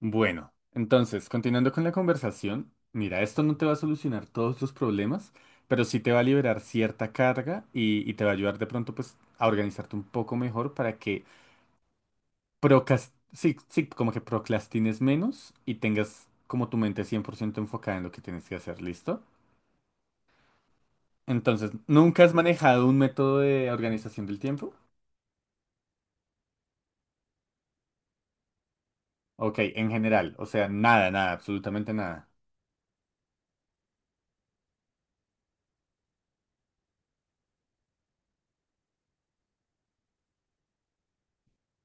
Bueno, entonces, continuando con la conversación, mira, esto no te va a solucionar todos los problemas, pero sí te va a liberar cierta carga y te va a ayudar de pronto pues a organizarte un poco mejor para que sí, sí, como que procrastines menos y tengas como tu mente 100% enfocada en lo que tienes que hacer, ¿listo? Entonces, ¿nunca has manejado un método de organización del tiempo? Ok, en general, o sea, nada, nada, absolutamente nada.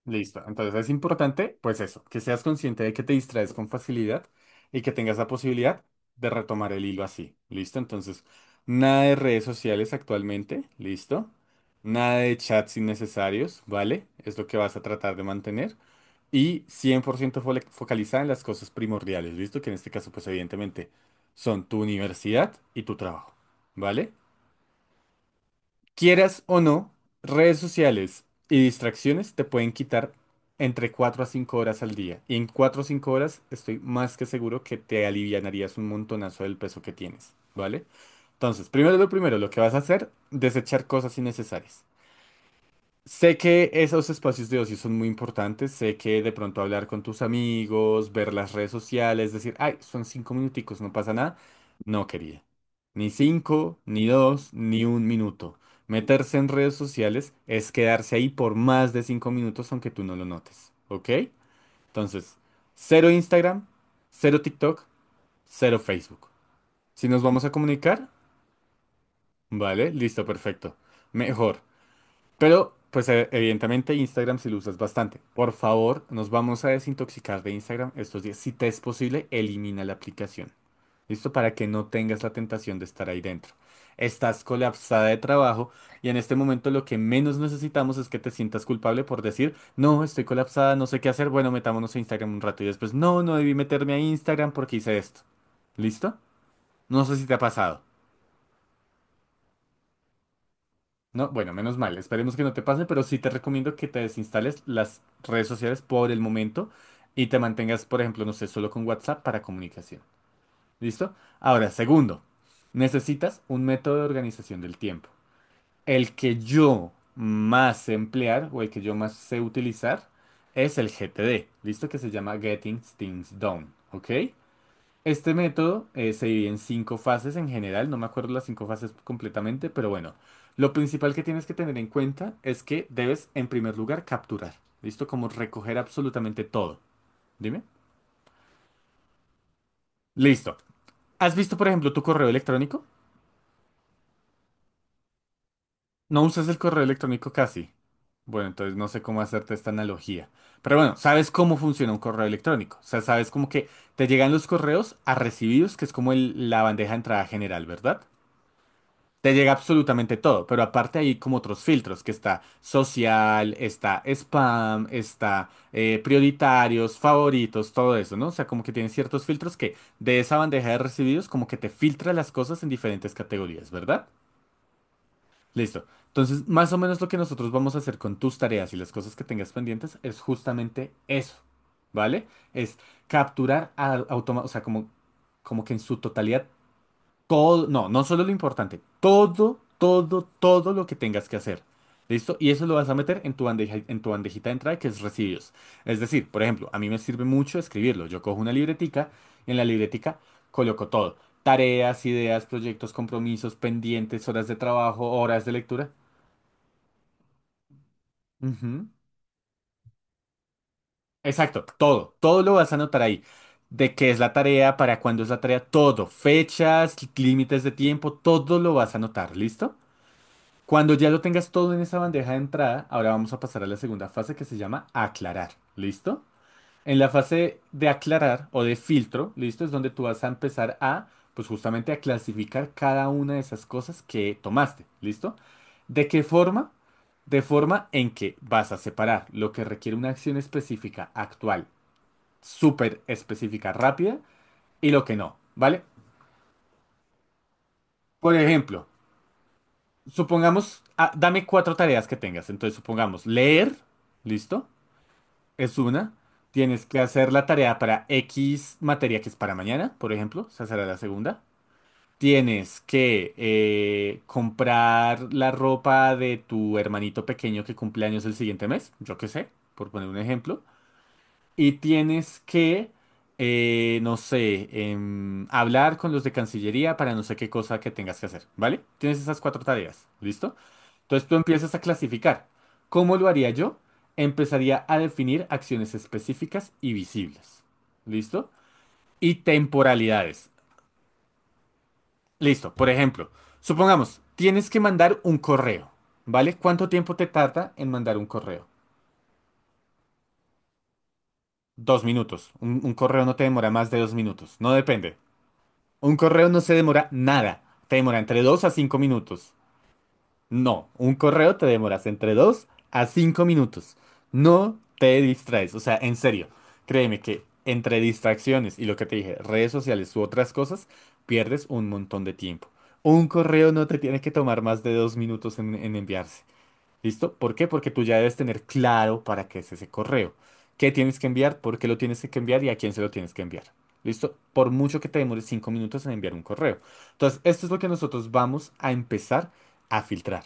Listo. Entonces es importante, pues eso, que seas consciente de que te distraes con facilidad y que tengas la posibilidad de retomar el hilo así. ¿Listo? Entonces, nada de redes sociales actualmente. ¿Listo? Nada de chats innecesarios, ¿vale? Es lo que vas a tratar de mantener. Y 100% focalizada en las cosas primordiales, ¿listo? Que en este caso, pues evidentemente, son tu universidad y tu trabajo, ¿vale? Quieras o no, redes sociales y distracciones te pueden quitar entre 4 a 5 horas al día. Y en 4 o 5 horas estoy más que seguro que te alivianarías un montonazo del peso que tienes, ¿vale? Entonces, primero, lo que vas a hacer, desechar cosas innecesarias. Sé que esos espacios de ocio son muy importantes, sé que de pronto hablar con tus amigos, ver las redes sociales, decir, ay, son 5 minuticos, no pasa nada. No quería. Ni cinco, ni dos, ni un minuto. Meterse en redes sociales es quedarse ahí por más de 5 minutos aunque tú no lo notes, ¿ok? Entonces, cero Instagram, cero TikTok, cero Facebook. Si nos vamos a comunicar, vale, listo, perfecto. Mejor. Pero, pues evidentemente Instagram si lo usas bastante. Por favor, nos vamos a desintoxicar de Instagram estos días. Si te es posible, elimina la aplicación. ¿Listo? Para que no tengas la tentación de estar ahí dentro. Estás colapsada de trabajo y en este momento lo que menos necesitamos es que te sientas culpable por decir, no, estoy colapsada, no sé qué hacer, bueno, metámonos a Instagram un rato y después, no, no debí meterme a Instagram porque hice esto. ¿Listo? No sé si te ha pasado. No, bueno, menos mal, esperemos que no te pase, pero sí te recomiendo que te desinstales las redes sociales por el momento y te mantengas, por ejemplo, no sé, solo con WhatsApp para comunicación. ¿Listo? Ahora, segundo, necesitas un método de organización del tiempo. El que yo más sé emplear o el que yo más sé utilizar es el GTD, ¿listo? Que se llama Getting Things Done, ¿ok? Este método se divide en cinco fases en general, no me acuerdo las cinco fases completamente, pero bueno, lo principal que tienes que tener en cuenta es que debes en primer lugar capturar, ¿listo? Como recoger absolutamente todo. Dime. Listo. ¿Has visto, por ejemplo, tu correo electrónico? No usas el correo electrónico casi. Bueno, entonces no sé cómo hacerte esta analogía. Pero bueno, sabes cómo funciona un correo electrónico. O sea, sabes como que te llegan los correos a recibidos, que es como la bandeja de entrada general, ¿verdad? Te llega absolutamente todo, pero aparte hay como otros filtros, que está social, está spam, está prioritarios, favoritos, todo eso, ¿no? O sea, como que tienen ciertos filtros que de esa bandeja de recibidos como que te filtra las cosas en diferentes categorías, ¿verdad? Listo. Entonces, más o menos lo que nosotros vamos a hacer con tus tareas y las cosas que tengas pendientes es justamente eso, ¿vale? Es capturar o sea, como que en su totalidad todo, no, no solo lo importante, todo, todo, todo lo que tengas que hacer. ¿Listo? Y eso lo vas a meter en tu bandeja, en tu bandejita de entrada, que es residuos. Es decir, por ejemplo, a mí me sirve mucho escribirlo. Yo cojo una libretica y en la libretica coloco todo. Tareas, ideas, proyectos, compromisos, pendientes, horas de trabajo, horas de lectura. Ujú. Exacto, todo, todo lo vas a anotar ahí. De qué es la tarea, para cuándo es la tarea, todo, fechas, límites de tiempo, todo lo vas a anotar, ¿listo? Cuando ya lo tengas todo en esa bandeja de entrada, ahora vamos a pasar a la segunda fase que se llama aclarar. ¿Listo? En la fase de aclarar o de filtro, ¿listo? Es donde tú vas a empezar a, pues justamente a clasificar cada una de esas cosas que tomaste. ¿Listo? ¿De qué forma? De forma en que vas a separar lo que requiere una acción específica, actual, súper específica, rápida, y lo que no, ¿vale? Por ejemplo, supongamos, dame cuatro tareas que tengas. Entonces, supongamos, leer, ¿listo? Es una. Tienes que hacer la tarea para X materia que es para mañana, por ejemplo. Esa será la segunda. Tienes que comprar la ropa de tu hermanito pequeño que cumple años el siguiente mes, yo qué sé, por poner un ejemplo. Y tienes que, no sé, hablar con los de Cancillería para no sé qué cosa que tengas que hacer, ¿vale? Tienes esas cuatro tareas, ¿listo? Entonces tú empiezas a clasificar. ¿Cómo lo haría yo? Empezaría a definir acciones específicas y visibles. ¿Listo? Y temporalidades. Listo. Por ejemplo, supongamos, tienes que mandar un correo, ¿vale? ¿Cuánto tiempo te tarda en mandar un correo? 2 minutos. Un correo no te demora más de 2 minutos. No depende. Un correo no se demora nada. Te demora entre 2 a 5 minutos. No, un correo te demoras entre 2 a 5 minutos. No te distraes, o sea, en serio, créeme que entre distracciones y lo que te dije, redes sociales u otras cosas, pierdes un montón de tiempo. Un correo no te tiene que tomar más de 2 minutos en enviarse. ¿Listo? ¿Por qué? Porque tú ya debes tener claro para qué es ese correo. ¿Qué tienes que enviar? ¿Por qué lo tienes que enviar? ¿Y a quién se lo tienes que enviar? ¿Listo? Por mucho que te demores 5 minutos en enviar un correo. Entonces, esto es lo que nosotros vamos a empezar a filtrar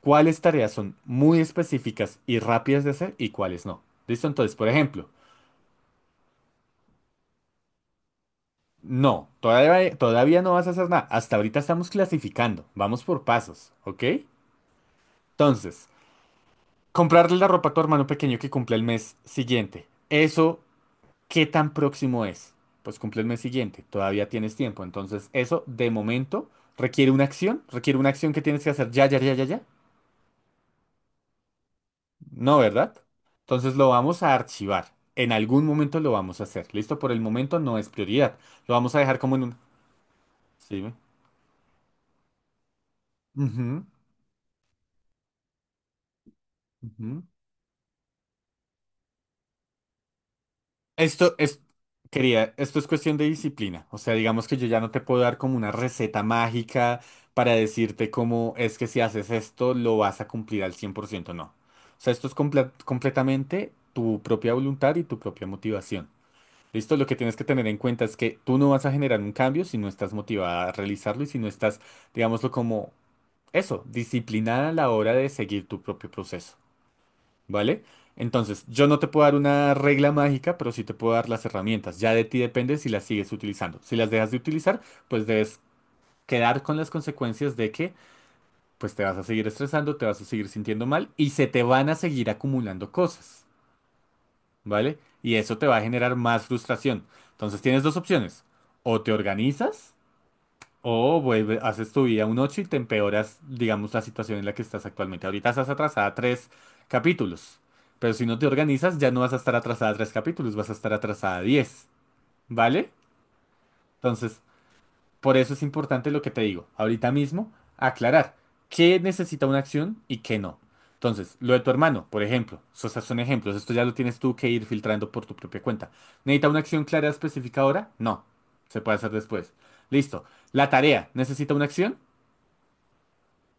cuáles tareas son muy específicas y rápidas de hacer y cuáles no. ¿Listo? Entonces, por ejemplo, no, todavía, todavía no vas a hacer nada. Hasta ahorita estamos clasificando. Vamos por pasos, ¿ok? Entonces, comprarle la ropa a tu hermano pequeño que cumple el mes siguiente. ¿Eso qué tan próximo es? Pues cumple el mes siguiente. Todavía tienes tiempo. Entonces, eso de momento requiere una acción. Requiere una acción que tienes que hacer ya, ya, ya, ya, ya. No, ¿verdad? Entonces lo vamos a archivar. En algún momento lo vamos a hacer. Listo, por el momento no es prioridad. Lo vamos a dejar como en un... Sí. Ujú, ujú. Esto es... Quería, esto es cuestión de disciplina. O sea, digamos que yo ya no te puedo dar como una receta mágica para decirte cómo es que si haces esto lo vas a cumplir al 100%. No. O sea, esto es completamente tu propia voluntad y tu propia motivación. Listo, lo que tienes que tener en cuenta es que tú no vas a generar un cambio si no estás motivada a realizarlo y si no estás, digámoslo como eso, disciplinada a la hora de seguir tu propio proceso, ¿vale? Entonces, yo no te puedo dar una regla mágica, pero sí te puedo dar las herramientas. Ya de ti depende si las sigues utilizando. Si las dejas de utilizar, pues debes quedar con las consecuencias de que, pues te vas a seguir estresando, te vas a seguir sintiendo mal y se te van a seguir acumulando cosas. ¿Vale? Y eso te va a generar más frustración. Entonces tienes dos opciones. O te organizas o vuelve, haces tu vida un 8 y te empeoras, digamos, la situación en la que estás actualmente. Ahorita estás atrasada tres capítulos. Pero si no te organizas, ya no vas a estar atrasada tres capítulos, vas a estar atrasada 10, ¿vale? Entonces, por eso es importante lo que te digo, ahorita mismo, aclarar qué necesita una acción y qué no. Entonces, lo de tu hermano, por ejemplo, esos son ejemplos, esto ya lo tienes tú que ir filtrando por tu propia cuenta. ¿Necesita una acción clara específica ahora? No, se puede hacer después. Listo. ¿La tarea necesita una acción?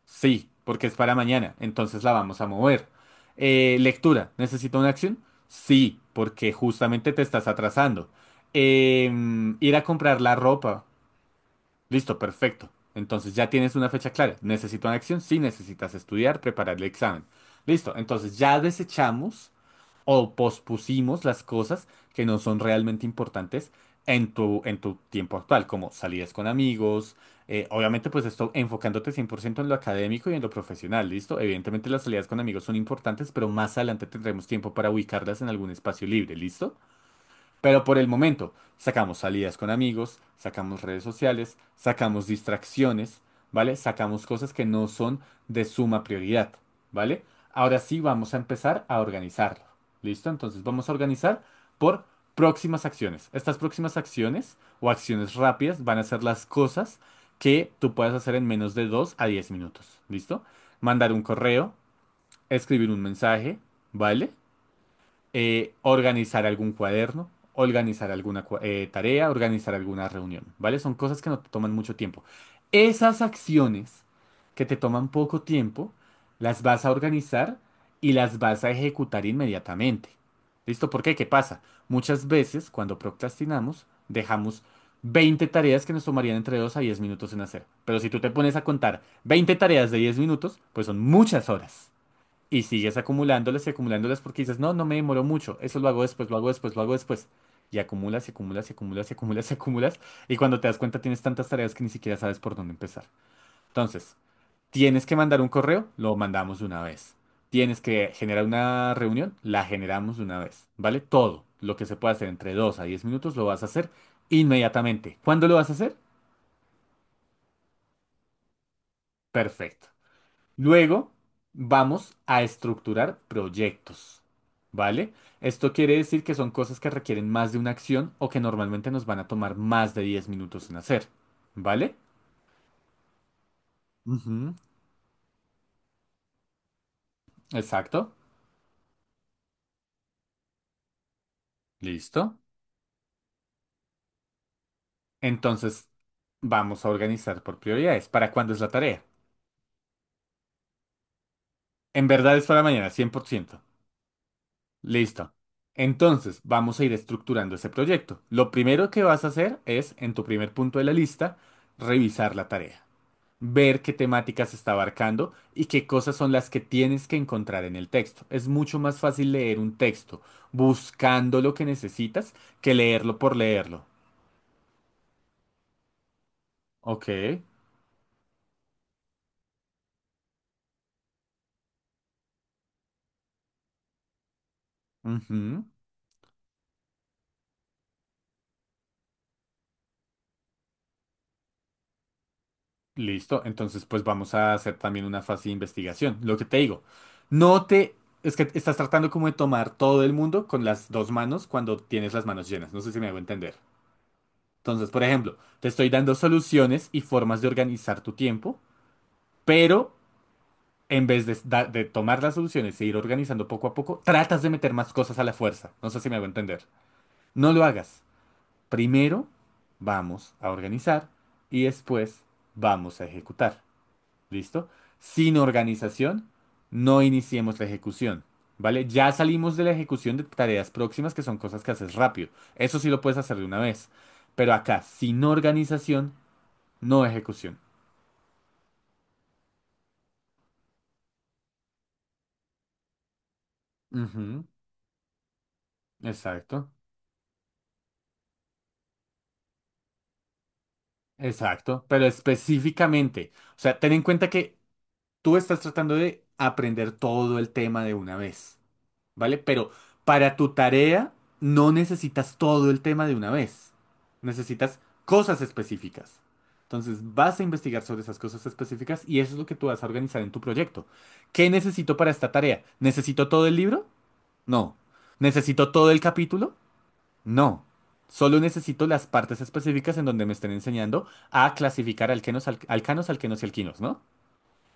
Sí, porque es para mañana, entonces la vamos a mover. ¿Lectura necesita una acción? Sí, porque justamente te estás atrasando. Ir a comprar la ropa. Listo, perfecto. Entonces ya tienes una fecha clara. ¿Necesito una acción? Sí, necesitas estudiar, preparar el examen. Listo, entonces ya desechamos o pospusimos las cosas que no son realmente importantes en tu tiempo actual, como salidas con amigos. Obviamente, pues esto enfocándote 100% en lo académico y en lo profesional, ¿listo? Evidentemente las salidas con amigos son importantes, pero más adelante tendremos tiempo para ubicarlas en algún espacio libre, ¿listo? Pero por el momento, sacamos salidas con amigos, sacamos redes sociales, sacamos distracciones, ¿vale? Sacamos cosas que no son de suma prioridad, ¿vale? Ahora sí vamos a empezar a organizarlo. ¿Listo? Entonces vamos a organizar por próximas acciones. Estas próximas acciones o acciones rápidas van a ser las cosas que tú puedas hacer en menos de 2 a 10 minutos. ¿Listo? Mandar un correo, escribir un mensaje, ¿vale? Organizar algún cuaderno, organizar alguna tarea, organizar alguna reunión, ¿vale? Son cosas que no te toman mucho tiempo. Esas acciones que te toman poco tiempo, las vas a organizar y las vas a ejecutar inmediatamente. ¿Listo? ¿Por qué? ¿Qué pasa? Muchas veces cuando procrastinamos, dejamos 20 tareas que nos tomarían entre 2 a 10 minutos en hacer. Pero si tú te pones a contar 20 tareas de 10 minutos, pues son muchas horas. Y sigues acumulándolas y acumulándolas porque dices, no, no me demoró mucho, eso lo hago después, lo hago después, lo hago después. Y acumulas y acumulas y acumulas y acumulas y acumulas. Y cuando te das cuenta tienes tantas tareas que ni siquiera sabes por dónde empezar. Entonces, tienes que mandar un correo, lo mandamos de una vez. Tienes que generar una reunión, la generamos de una vez. ¿Vale? Todo lo que se puede hacer entre 2 a 10 minutos lo vas a hacer inmediatamente. ¿Cuándo lo vas a hacer? Perfecto. Luego vamos a estructurar proyectos, ¿vale? Esto quiere decir que son cosas que requieren más de una acción o que normalmente nos van a tomar más de 10 minutos en hacer, ¿vale? Ujú, exacto. Listo. Entonces, vamos a organizar por prioridades. ¿Para cuándo es la tarea? En verdad es para mañana, 100%. Listo. Entonces, vamos a ir estructurando ese proyecto. Lo primero que vas a hacer es, en tu primer punto de la lista, revisar la tarea. Ver qué temáticas está abarcando y qué cosas son las que tienes que encontrar en el texto. Es mucho más fácil leer un texto buscando lo que necesitas que leerlo por leerlo. Ok. Ujú. Listo. Entonces, pues vamos a hacer también una fase de investigación. Lo que te digo, no te. Es que estás tratando como de tomar todo el mundo con las dos manos cuando tienes las manos llenas. No sé si me hago entender. Entonces, por ejemplo, te estoy dando soluciones y formas de organizar tu tiempo, pero en vez de tomar las soluciones e ir organizando poco a poco, tratas de meter más cosas a la fuerza. No sé si me hago entender. No lo hagas. Primero vamos a organizar y después vamos a ejecutar. ¿Listo? Sin organización, no iniciemos la ejecución. ¿Vale? Ya salimos de la ejecución de tareas próximas que son cosas que haces rápido. Eso sí lo puedes hacer de una vez. Pero acá, sin organización, no ejecución. Ujú, exacto. Exacto, pero específicamente, o sea, ten en cuenta que tú estás tratando de aprender todo el tema de una vez, ¿vale? Pero para tu tarea no necesitas todo el tema de una vez, necesitas cosas específicas. Entonces vas a investigar sobre esas cosas específicas y eso es lo que tú vas a organizar en tu proyecto. ¿Qué necesito para esta tarea? ¿Necesito todo el libro? No. ¿Necesito todo el capítulo? No, solo necesito las partes específicas en donde me estén enseñando a clasificar alquenos, alcanos, alquenos y alquinos, ¿no?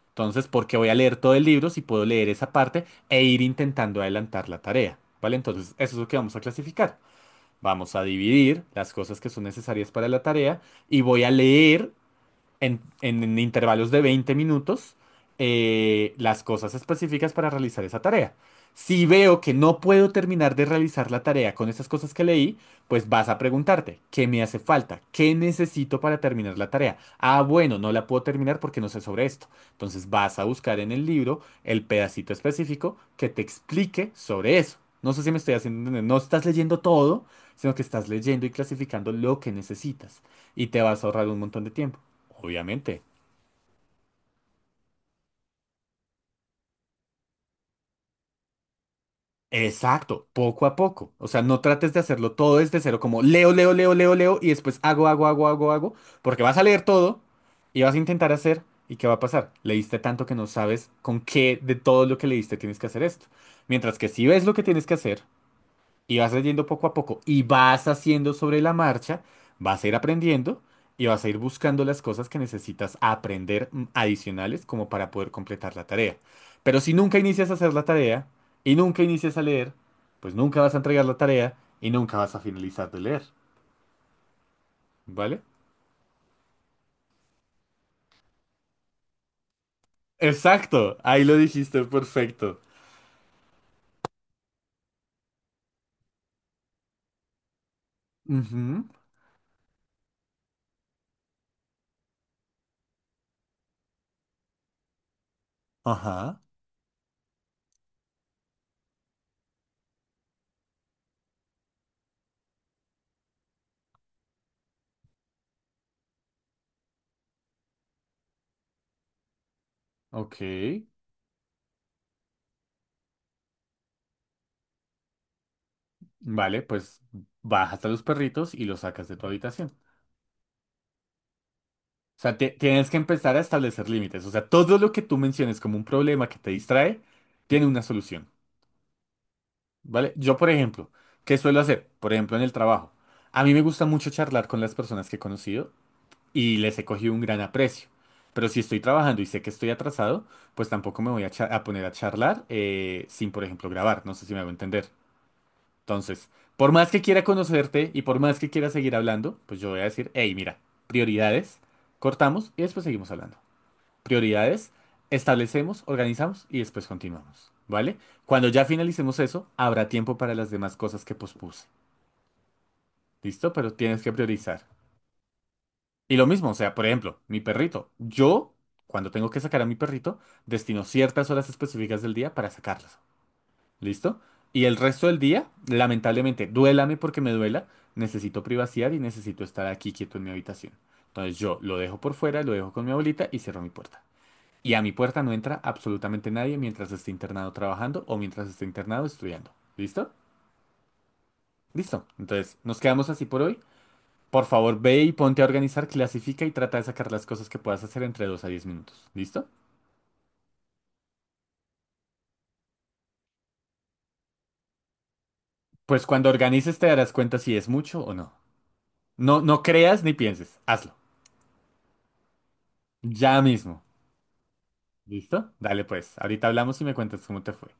Entonces, ¿por qué voy a leer todo el libro si puedo leer esa parte e ir intentando adelantar la tarea? ¿Vale? Entonces, eso es lo que vamos a clasificar. Vamos a dividir las cosas que son necesarias para la tarea y voy a leer en intervalos de 20 minutos las cosas específicas para realizar esa tarea. Si veo que no puedo terminar de realizar la tarea con esas cosas que leí, pues vas a preguntarte, ¿qué me hace falta? ¿Qué necesito para terminar la tarea? Ah, bueno, no la puedo terminar porque no sé sobre esto. Entonces vas a buscar en el libro el pedacito específico que te explique sobre eso. No sé si me estoy haciendo entender. No estás leyendo todo, sino que estás leyendo y clasificando lo que necesitas. Y te vas a ahorrar un montón de tiempo. Obviamente. Exacto, poco a poco. O sea, no trates de hacerlo todo desde cero, como leo, leo, leo, leo, leo y después hago, hago, hago, hago, hago, porque vas a leer todo y vas a intentar hacer y ¿qué va a pasar? Leíste tanto que no sabes con qué de todo lo que leíste tienes que hacer esto. Mientras que si ves lo que tienes que hacer, y vas leyendo poco a poco y vas haciendo sobre la marcha, vas a ir aprendiendo y vas a ir buscando las cosas que necesitas aprender adicionales como para poder completar la tarea. Pero si nunca inicias a hacer la tarea y nunca inicias a leer, pues nunca vas a entregar la tarea y nunca vas a finalizar de leer, ¿vale? Exacto, ahí lo dijiste perfecto. Ujú. Ajá, ok. Vale, pues bajas a los perritos y los sacas de tu habitación. O sea, tienes que empezar a establecer límites. O sea, todo lo que tú menciones como un problema que te distrae, tiene una solución, ¿vale? Yo, por ejemplo, ¿qué suelo hacer? Por ejemplo, en el trabajo. A mí me gusta mucho charlar con las personas que he conocido y les he cogido un gran aprecio. Pero si estoy trabajando y sé que estoy atrasado, pues tampoco me voy a, a poner a charlar sin, por ejemplo, grabar. No sé si me hago entender. Entonces, por más que quiera conocerte y por más que quiera seguir hablando, pues yo voy a decir, hey, mira, prioridades, cortamos y después seguimos hablando prioridades, establecemos, organizamos y después continuamos, ¿vale? Cuando ya finalicemos eso, habrá tiempo para las demás cosas que pospuse, ¿listo? Pero tienes que priorizar. Y lo mismo, o sea, por ejemplo, mi perrito. Yo, cuando tengo que sacar a mi perrito, destino ciertas horas específicas del día para sacarlas, ¿listo? Y el resto del día, lamentablemente, duélame porque me duela, necesito privacidad y necesito estar aquí quieto en mi habitación. Entonces yo lo dejo por fuera, lo dejo con mi abuelita y cierro mi puerta. Y a mi puerta no entra absolutamente nadie mientras esté internado trabajando o mientras esté internado estudiando. ¿Listo? Listo. Entonces, nos quedamos así por hoy. Por favor, ve y ponte a organizar, clasifica y trata de sacar las cosas que puedas hacer entre 2 a 10 minutos. ¿Listo? Pues cuando organices te darás cuenta si es mucho o no. No, no creas ni pienses. Hazlo. Ya mismo. ¿Listo? Dale pues. Ahorita hablamos y me cuentas cómo te fue.